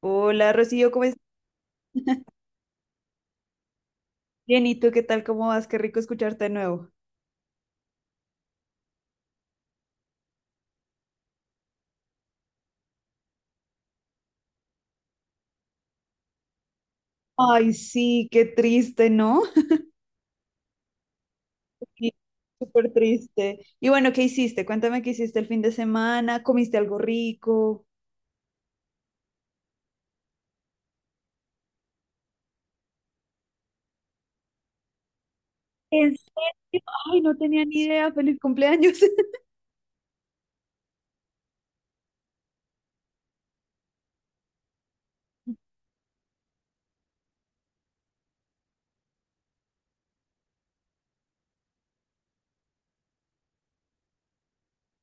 Hola Rocío, ¿cómo estás? Bien, ¿y tú qué tal? ¿Cómo vas? Qué rico escucharte de nuevo. Ay, sí, qué triste, ¿no? Sí, súper triste. Y bueno, ¿qué hiciste? Cuéntame qué hiciste el fin de semana. ¿Comiste algo rico? ¿En serio? Ay, no tenía ni idea. Feliz cumpleaños.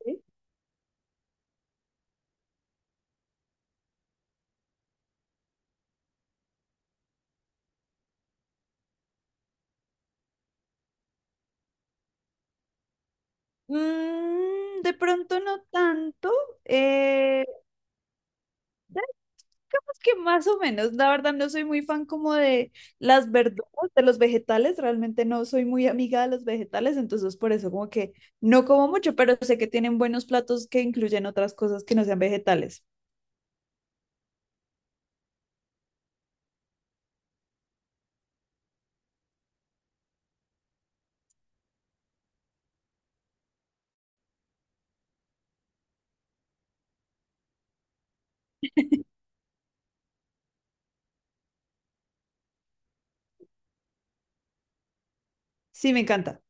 Sí. Mm, de pronto no tanto, eh, digamos que más o menos, la verdad no soy muy fan como de las verduras, de los vegetales, realmente no soy muy amiga de los vegetales, entonces por eso como que no como mucho, pero sé que tienen buenos platos que incluyen otras cosas que no sean vegetales. Sí, me encanta.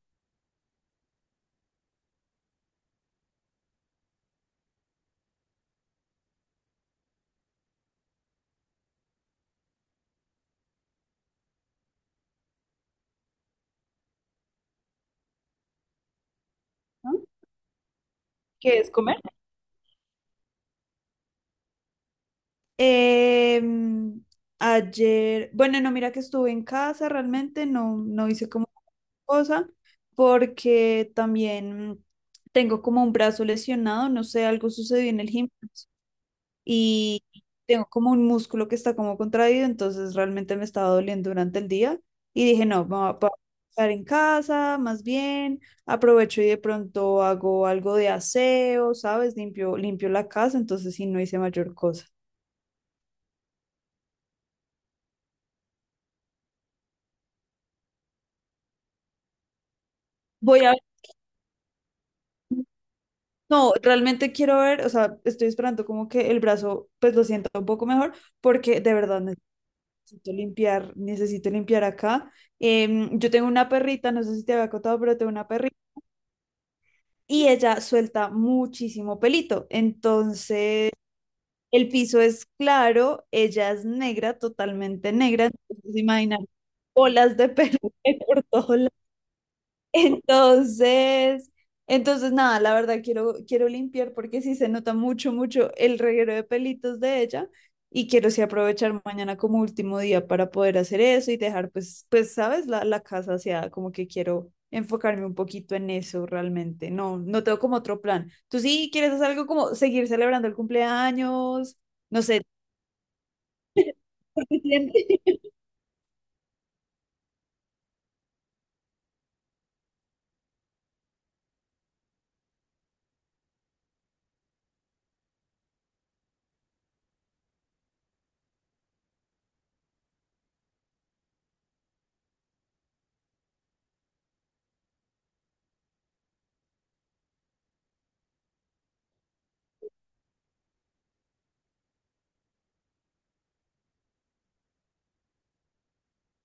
¿No? ¿Qué es comer? Em, ayer, bueno, no, mira que estuve en casa, realmente no hice como cosa, porque también tengo como un brazo lesionado, no sé, algo sucedió en el gimnasio y tengo como un músculo que está como contraído, entonces realmente me estaba doliendo durante el día y dije, no, me voy a estar en casa, más bien, aprovecho y de pronto hago algo de aseo, ¿sabes? Limpio, limpio la casa, entonces sí, no hice mayor cosa. Voy a ver. No, realmente quiero ver, o sea, estoy esperando como que el brazo pues lo sienta un poco mejor porque de verdad necesito limpiar acá. Yo tengo una perrita, no sé si te había contado, pero tengo una perrita y ella suelta muchísimo pelito. Entonces, el piso es claro, ella es negra, totalmente negra, entonces imaginar bolas de pelo por todos Entonces, entonces, nada, la verdad quiero, quiero limpiar porque sí se nota mucho, mucho el reguero de pelitos de ella y quiero sí aprovechar mañana como último día para poder hacer eso y dejar pues, pues, sabes, la casa hacia como que quiero enfocarme un poquito en eso realmente. No, no tengo como otro plan. ¿Tú sí quieres hacer algo como seguir celebrando el cumpleaños? No sé.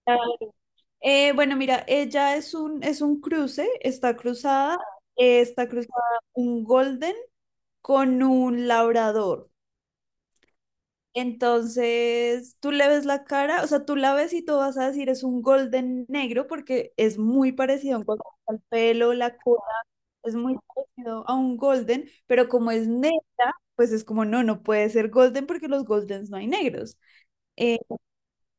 Claro. Bueno, mira, ella es es un cruce, está cruzada un golden con un labrador. Entonces, tú le ves la cara, o sea, tú la ves y tú vas a decir es un golden negro porque es muy parecido en cuanto al pelo, la cola, es muy parecido a un golden, pero como es negra, pues es como no, no puede ser golden porque los goldens no hay negros.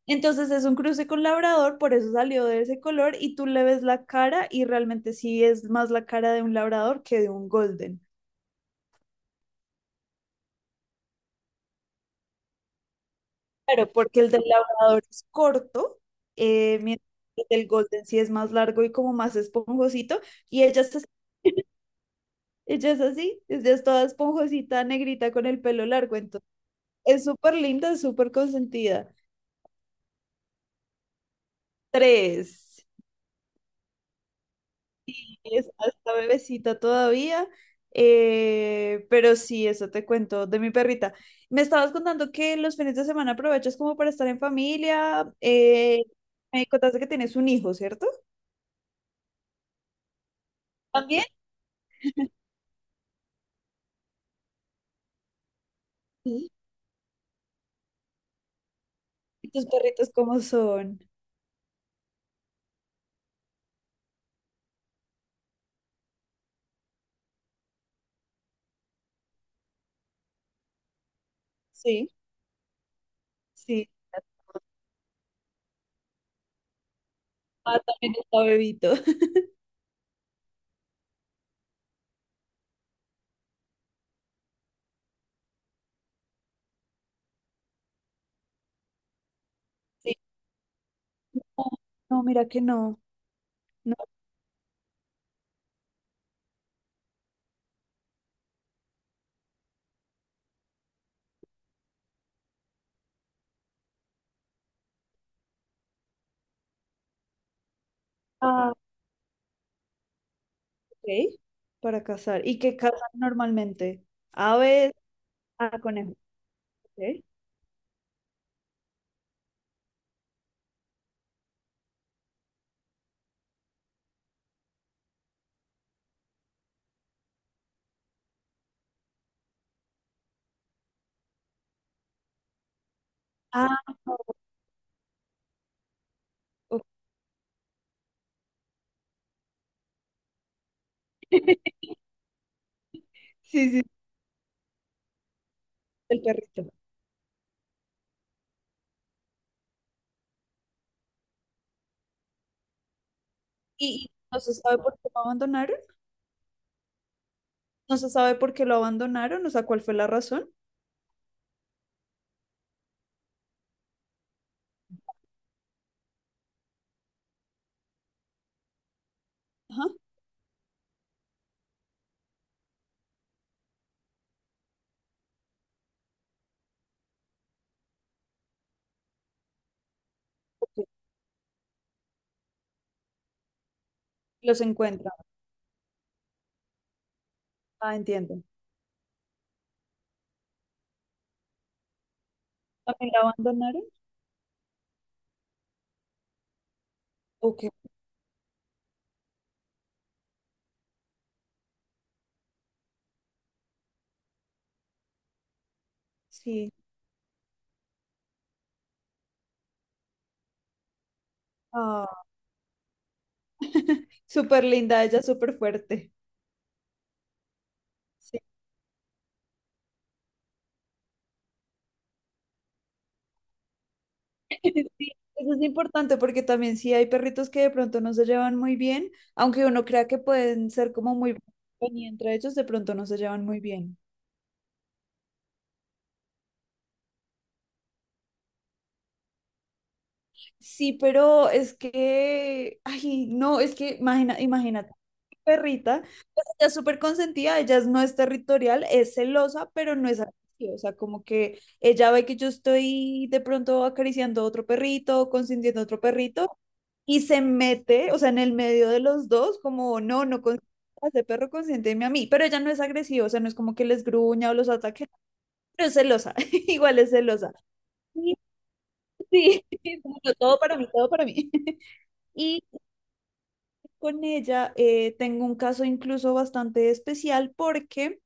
Entonces es un cruce con labrador, por eso salió de ese color y tú le ves la cara y realmente sí es más la cara de un labrador que de un golden. Claro, porque el del labrador es corto, mientras que el del golden sí es más largo y como más esponjosito y ella es así, ella es así, ella es toda esponjosita, negrita con el pelo largo, entonces es súper linda, es súper consentida. Tres. Es hasta bebecita todavía, pero sí, eso te cuento de mi perrita. Me estabas contando que los fines de semana aprovechas como para estar en familia. Me contaste que tienes un hijo, ¿cierto? También. Sí. ¿Y tus perritos cómo son? Sí, sí. Ah, también está bebito. Sí. No, no, mira que no. No. Ah, ok. Para cazar. ¿Y qué cazan normalmente? Aves, ah, conejos. Ok. Ah, ok. Sí, sí, el perrito. Y no se sabe por qué lo abandonaron, no se sabe por qué lo abandonaron, o sea, cuál fue la razón. Ajá. Ok, los encuentran. Ah, entiendo. ¿También la abandonaron? Ok. Sí. Ah, súper linda, ella súper fuerte. Sí. Sí, eso es importante porque también sí hay perritos que de pronto no se llevan muy bien, aunque uno crea que pueden ser como muy buenos y entre ellos de pronto no se llevan muy bien. Sí, pero es que, ay, no, es que imagina, imagínate, perrita, pues ella es súper consentida, ella no es territorial, es celosa, pero no es agresiva, o sea, como que ella ve que yo estoy de pronto acariciando a otro perrito, consintiendo a otro perrito, y se mete, o sea, en el medio de los dos, como, no, no consientas a ese perro, consiénteme a mí, pero ella no es agresiva, o sea, no es como que les gruña o los ataque, pero es celosa, igual es celosa. Sí, sí, todo para mí, todo para mí. Y con ella tengo un caso incluso bastante especial porque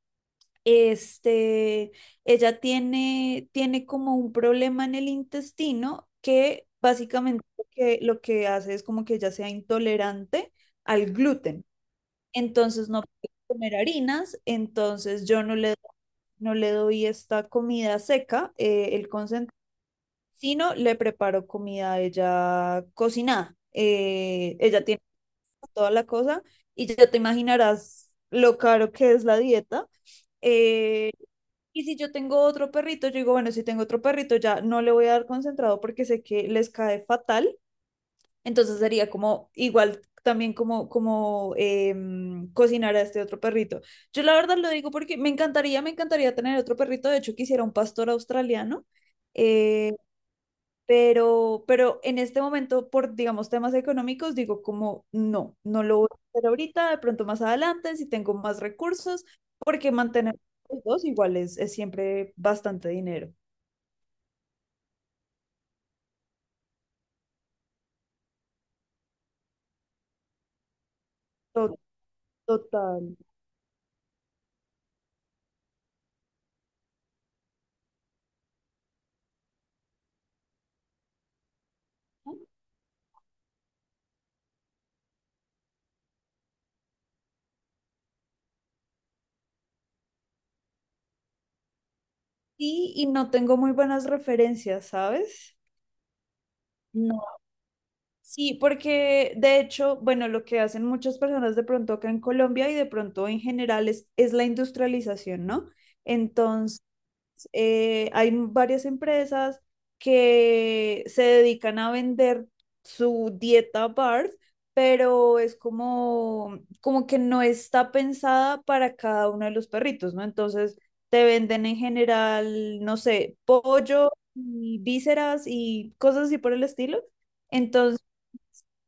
este, ella tiene, tiene como un problema en el intestino que básicamente lo que hace es como que ella sea intolerante al gluten. Entonces no puede comer harinas, entonces yo no le, no le doy esta comida seca, el concentrado, sino le preparo comida a ella cocinada. Ella tiene toda la cosa, y ya te imaginarás lo caro que es la dieta. Eh, y si yo tengo otro perrito, yo digo, bueno, si tengo otro perrito, ya no le voy a dar concentrado porque sé que les cae fatal. Entonces sería como igual también como, como cocinar a este otro perrito. Yo la verdad lo digo porque me encantaría tener otro perrito. De hecho, quisiera un pastor australiano. Eh, pero en este momento, por, digamos, temas económicos, digo como, no, no lo voy a hacer ahorita, de pronto más adelante, si tengo más recursos, porque mantener los dos igual es siempre bastante dinero. To- Total. Sí, y no tengo muy buenas referencias, ¿sabes? No. Sí, porque de hecho, bueno, lo que hacen muchas personas de pronto acá en Colombia y de pronto en general es la industrialización, ¿no? Entonces, hay varias empresas que se dedican a vender su dieta BARF, pero es como, como que no está pensada para cada uno de los perritos, ¿no? Entonces te venden en general, no sé, pollo y vísceras y cosas así por el estilo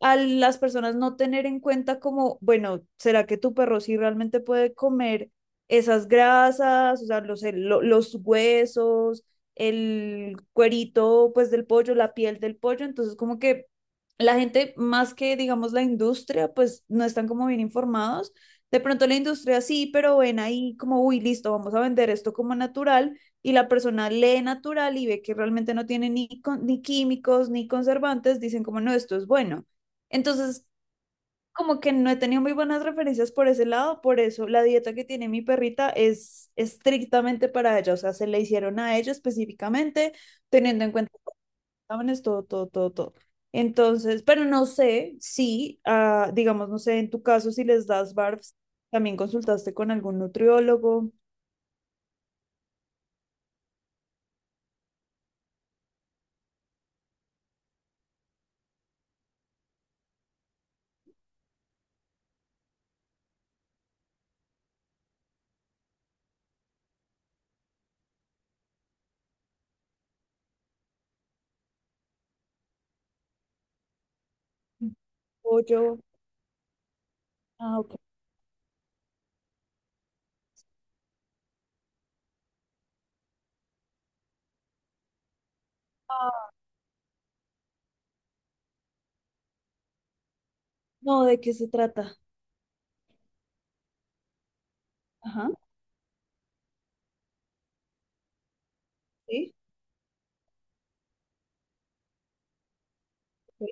a las personas no tener en cuenta como, bueno, ¿será que tu perro sí realmente puede comer esas grasas, o sea, los, los huesos, el cuerito pues del pollo, la piel del pollo? Entonces como que la gente, más que digamos la industria, pues no están como bien informados. De pronto la industria sí, pero ven ahí como, uy, listo, vamos a vender esto como natural y la persona lee natural y ve que realmente no tiene ni, ni químicos ni conservantes, dicen como, no, esto es bueno. Entonces, como que no he tenido muy buenas referencias por ese lado, por eso la dieta que tiene mi perrita es estrictamente para ella, o sea, se le hicieron a ella específicamente, teniendo en cuenta los exámenes, todo, todo, todo, todo. Entonces, pero no sé si, ah, digamos, no sé, en tu caso, si les das BARFs, también consultaste con algún nutriólogo, o yo. Ah, ok. Ah, no, ¿de qué se trata? Ajá, sí. Sí.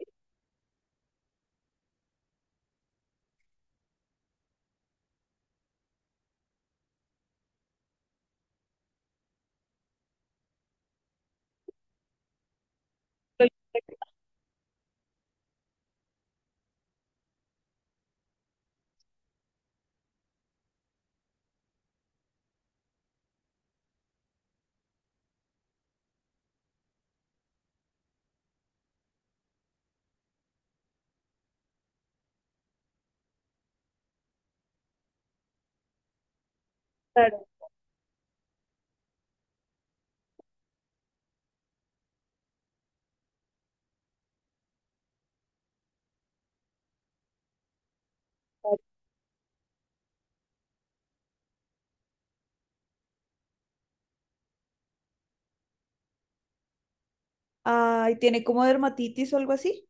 Claro, claro. Ay, ¿tiene como dermatitis o algo así?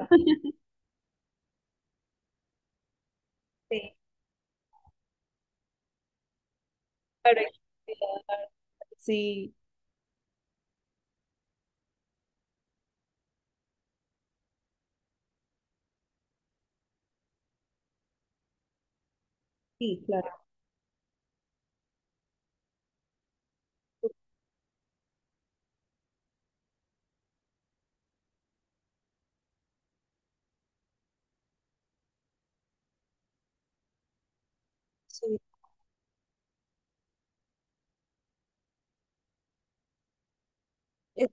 Sí, para estudiar. Sí, sí, claro. Sí. Es,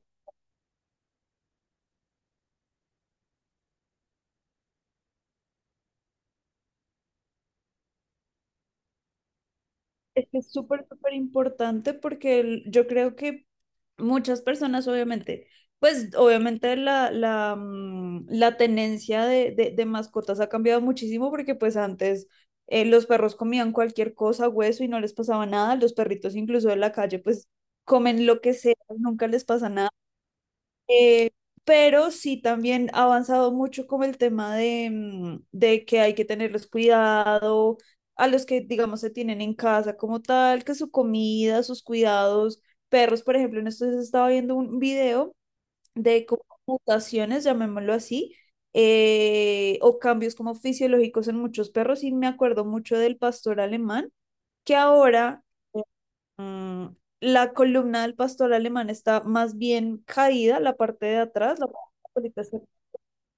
es que es súper, súper importante porque el- yo creo que muchas personas, obviamente, pues obviamente mm, la tenencia de, de mascotas ha cambiado muchísimo porque pues antes los perros comían cualquier cosa, hueso y no les pasaba nada, los perritos incluso de la calle pues comen lo que sea, nunca les pasa nada. Eh, pero sí también ha avanzado mucho como el tema de, mm, de que hay que tenerles cuidado a los que, digamos, se tienen en casa como tal, que su comida, sus cuidados, perros, por ejemplo, en estos días estaba viendo un video de como mutaciones, llamémoslo así, o cambios como fisiológicos en muchos perros y me acuerdo mucho del pastor alemán, que ahora mm, la columna del pastor alemán está más bien caída, la parte de atrás, la parte solita está-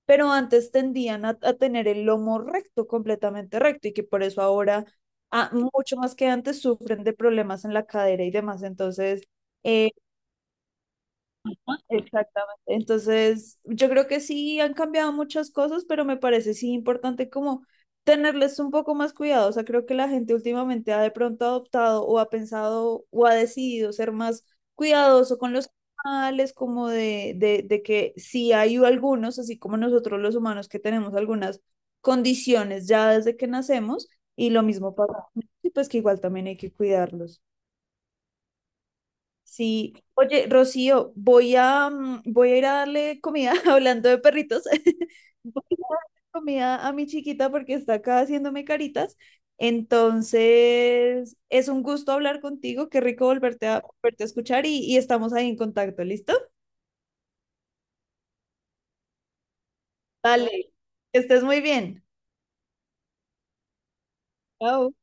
pero antes tendían a tener el lomo recto, completamente recto, y que por eso ahora, ah, mucho más que antes, sufren de problemas en la cadera y demás. Entonces, eh, exactamente. Entonces, yo creo que sí han cambiado muchas cosas, pero me parece sí importante como tenerles un poco más cuidado. O sea, creo que la gente últimamente ha de pronto adoptado o ha pensado o ha decidido ser más cuidadoso con los animales, como de, de que si hay algunos, así como nosotros los humanos que tenemos algunas condiciones ya desde que nacemos, y lo mismo pasa, y pues que igual también hay que cuidarlos. Sí, oye, Rocío, voy a, mm, voy a ir a darle comida, hablando de perritos, voy a darle comida a mi chiquita porque está acá haciéndome caritas. Entonces, es un gusto hablar contigo, qué rico volverte a, volverte a escuchar y estamos ahí en contacto, ¿listo? Dale, que estés muy bien. Chao.